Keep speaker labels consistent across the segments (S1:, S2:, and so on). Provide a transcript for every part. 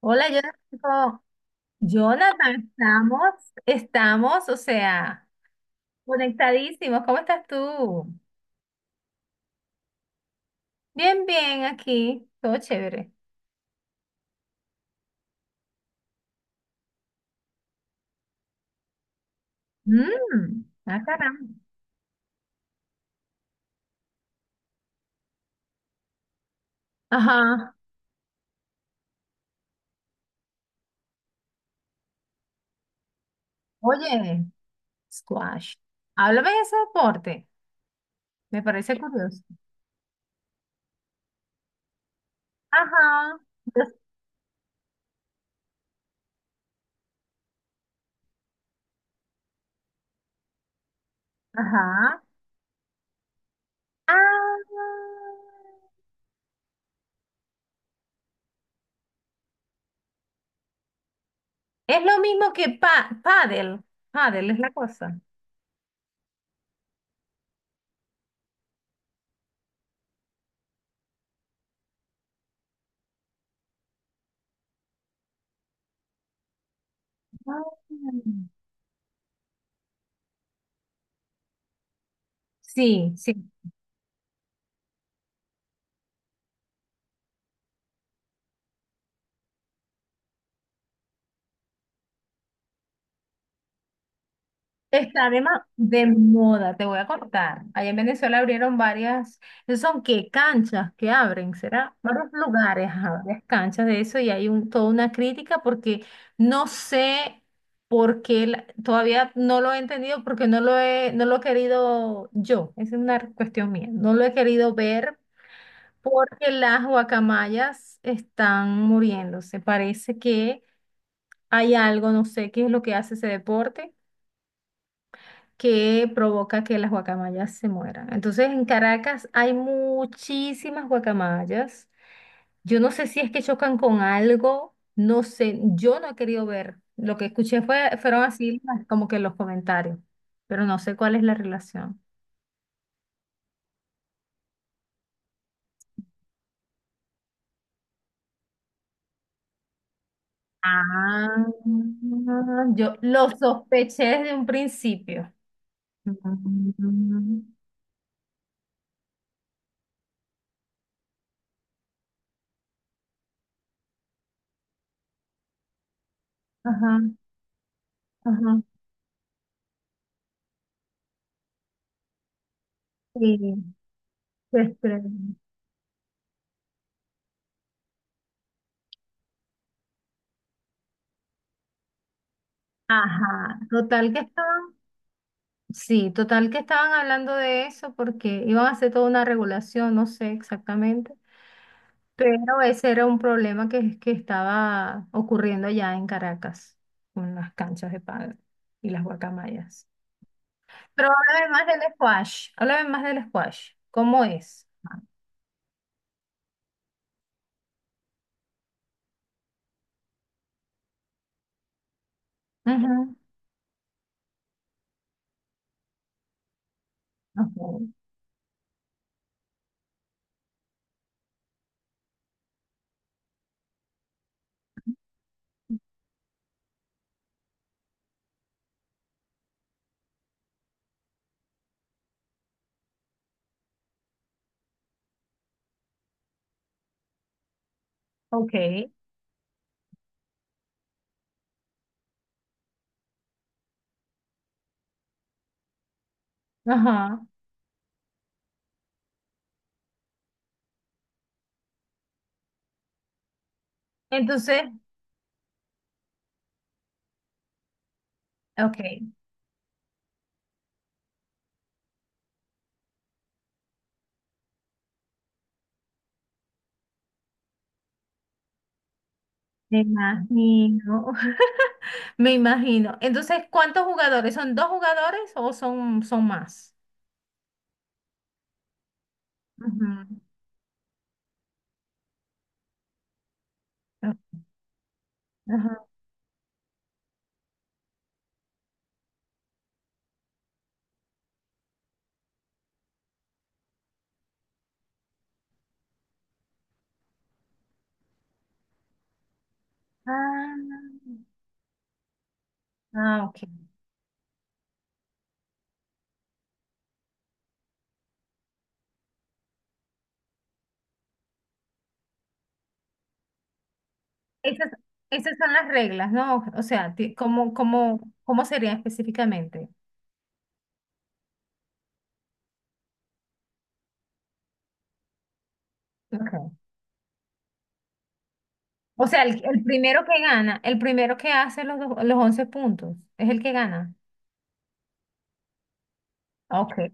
S1: Hola, Jonathan. Jonathan, estamos, estamos, o sea, conectadísimos. ¿Cómo estás tú? Bien, bien, aquí, todo chévere. Mmm, ah, caramba. Ajá. Oye, squash. Háblame de ese deporte. Me parece curioso. Ajá. Yo- Ajá. Ah, es lo mismo que pa pádel. Pádel es la cosa. Ah, sí, sí. Está de, de moda, te voy a contar. Allá en Venezuela abrieron varias, ¿son qué? Canchas que abren, ¿será? Varios lugares, ajá, varias canchas de eso y hay un, toda una crítica porque no sé por qué, todavía no lo he entendido porque no lo he querido yo, esa es una cuestión mía, no lo he querido ver porque las guacamayas están muriéndose. Parece que hay algo, no sé qué es lo que hace ese deporte que provoca que las guacamayas se mueran. Entonces, en Caracas hay muchísimas guacamayas. Yo no sé si es que chocan con algo, no sé, yo no he querido ver. Lo que escuché fueron así como que los comentarios, pero no sé cuál es la relación. Ah, yo lo sospeché desde un principio. Mm, ajá, ajá. Sí, se estrelló. Ajá, total que está. Sí, total que estaban hablando de eso porque iban a hacer toda una regulación, no sé exactamente, pero ese era un problema que estaba ocurriendo allá en Caracas con las canchas de pádel y las guacamayas. Pero háblame más del squash, háblame más del squash, ¿cómo es? Ujú, ok, ok, ajá. Entonces, ok, me imagino, me imagino. Entonces, ¿cuántos jugadores? ¿Son dos jugadores o son, son más? Ujú. Ah, ajá. Ah, ah, ok. Esas, esas son las reglas, ¿no? O sea, ¿cómo, cómo, cómo sería específicamente? Ok. O sea, el primero que gana, el primero que hace los, los 11 puntos, es el que gana. Ok.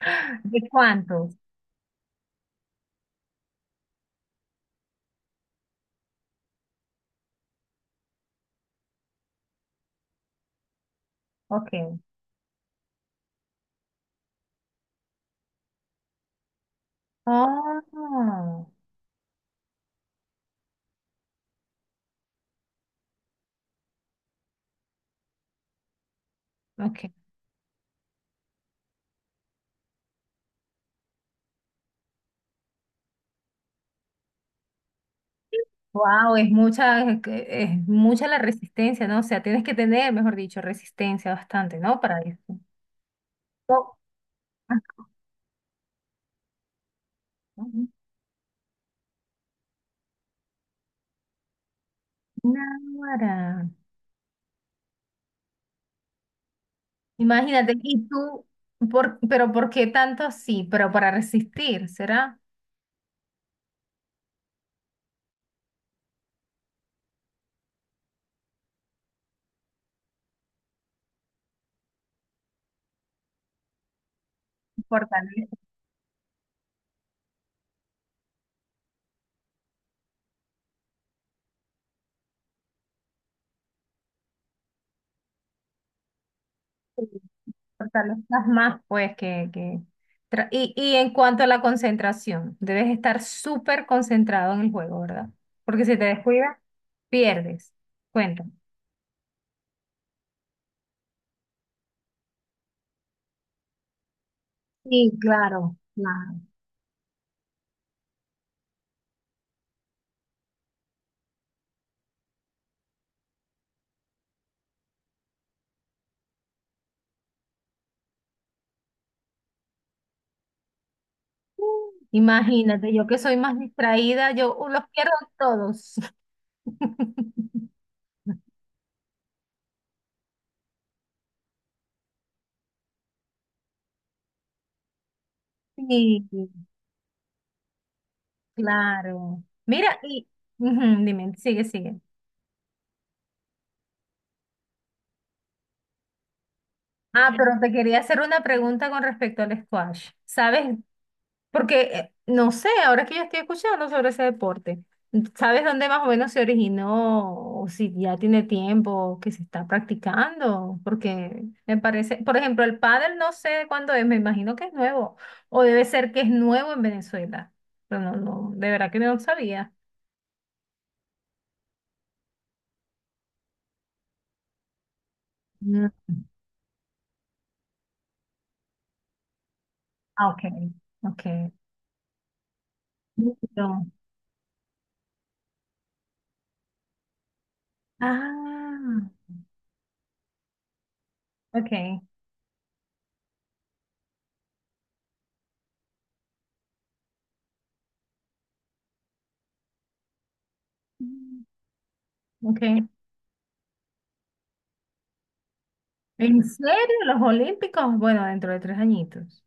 S1: ¿De cuántos? Ok. Oh, ok. Wow, es mucha, es, es mucha la resistencia, ¿no? O sea, tienes que tener, mejor dicho, resistencia bastante, ¿no? Para eso. Oh, ajá. Náguara. Imagínate, y tú, pero ¿por qué tanto sí? Pero para resistir, ¿será? Fortaleces, fortalezas más, pues, que... Y, y en cuanto a la concentración, debes estar súper concentrado en el juego, ¿verdad? Porque si te descuidas, pierdes. Cuenta. Sí, claro, claro. Imagínate, yo que soy más distraída, yo los pierdo todos. Sí. Claro. Mira, y ujú, dime, sigue, sigue. Ah, pero te quería hacer una pregunta con respecto al squash. ¿Sabes? Porque, no sé, ahora que yo estoy escuchando sobre ese deporte, ¿sabes dónde más o menos se originó? O si ya tiene tiempo que se está practicando. Porque me parece, por ejemplo, el pádel no sé cuándo es, me imagino que es nuevo. O debe ser que es nuevo en Venezuela. Pero no, no, de verdad que no sabía. Mm. Ah, ok, ok. No. Ah, ok. Mm, ok. ¿En serio? ¿Los Olímpicos? Bueno, dentro de tres añitos.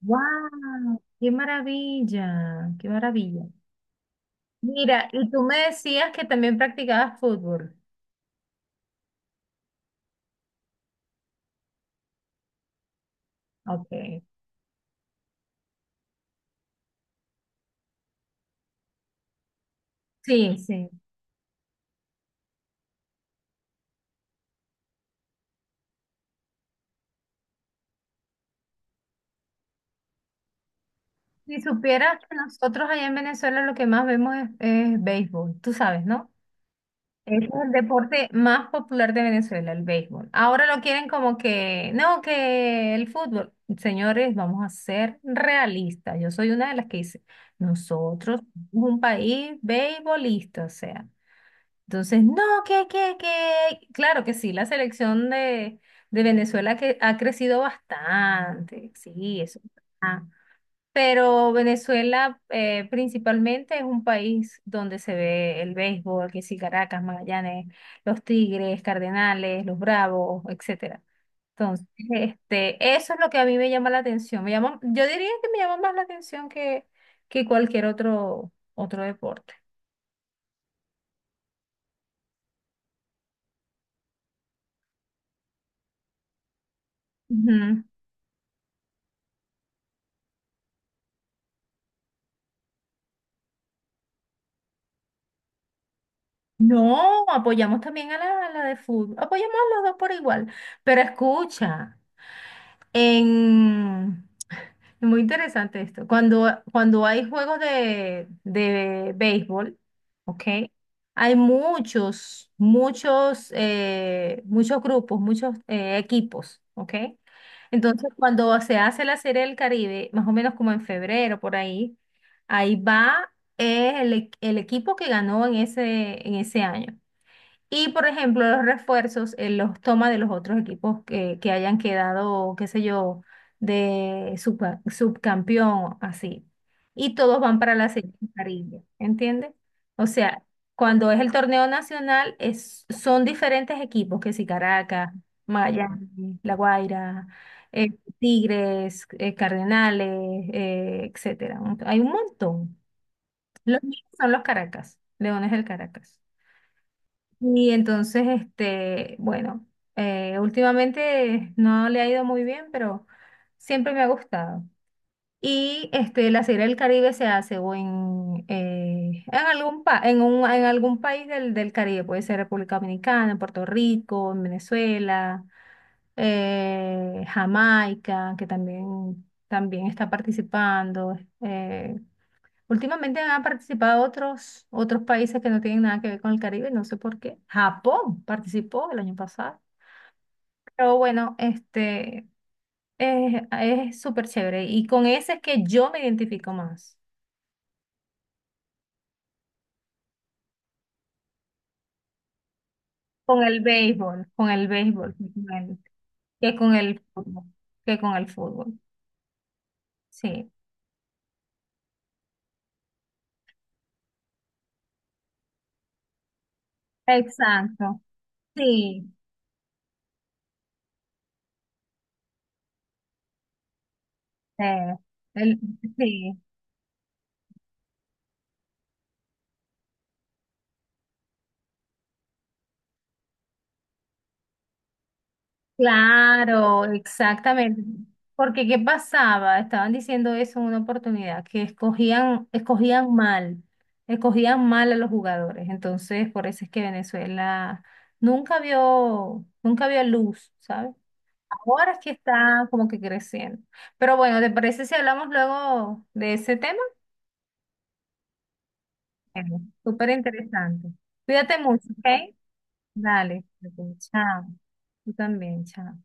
S1: ¡Wow! ¡Qué maravilla! ¡Qué maravilla! Mira, y tú me decías que también practicabas fútbol. Ok. Sí, sí. Si supieras que nosotros allá en Venezuela lo que más vemos es béisbol, tú sabes, ¿no? Ese es el deporte más popular de Venezuela, el béisbol. Ahora lo quieren como que, no, que el fútbol. Señores, vamos a ser realistas. Yo soy una de las que dice, nosotros somos un país beisbolista, o sea. Entonces, no, que, que. Claro que sí, la selección de Venezuela que ha crecido bastante. Sí, eso. Pero Venezuela principalmente es un país donde se ve el béisbol, que sí, Caracas, Magallanes, los Tigres, Cardenales, los Bravos, etcétera. Entonces, este, eso es lo que a mí me llama la atención. Me llama, yo diría que me llama más la atención que cualquier otro, otro deporte. Ujú. No, apoyamos también a la de fútbol, apoyamos a los dos por igual, pero escucha, en, muy interesante esto. Cuando, cuando hay juegos de béisbol, ¿ok? Hay muchos, muchos, muchos grupos, muchos equipos, ¿ok? Entonces, cuando se hace la Serie del Caribe, más o menos como en febrero, por ahí, ahí va el, el equipo que ganó en ese año. Y por ejemplo, los refuerzos, los toma de los otros equipos que hayan quedado, qué sé yo, de subcampeón, así. Y todos van para la serie de Caribe, ¿entiendes? O sea, cuando es el torneo nacional, es, son diferentes equipos, que si Caracas, Miami, La Guaira, eh, Tigres, Cardenales, etcétera. Hay un montón. Los míos son los Caracas, Leones del Caracas. Y entonces, este, bueno, últimamente no le ha ido muy bien, pero siempre me ha gustado. Y este, la Serie del Caribe se hace o en algún en un, en algún país del, del Caribe, puede ser República Dominicana, en Puerto Rico, en Venezuela, Jamaica, que también, también está participando. eh, Últimamente han participado otros, otros países que no tienen nada que ver con el Caribe, no sé por qué. Japón participó el año pasado. Pero bueno, este es súper chévere. Y con ese es que yo me identifico más. Con el béisbol, principalmente, que con el fútbol, que con el fútbol. Sí, exacto. Sí, eh, el, sí. Claro, exactamente. Porque ¿qué pasaba? Estaban diciendo eso en una oportunidad, que escogían, escogían mal a los jugadores. Entonces, por eso es que Venezuela nunca vio, nunca vio luz, ¿sabes? Ahora es que está como que creciendo. Pero bueno, ¿te parece si hablamos luego de ese tema? Bueno, súper interesante. Cuídate mucho, ¿ok? Dale. Ok, chao. Tú también, chao.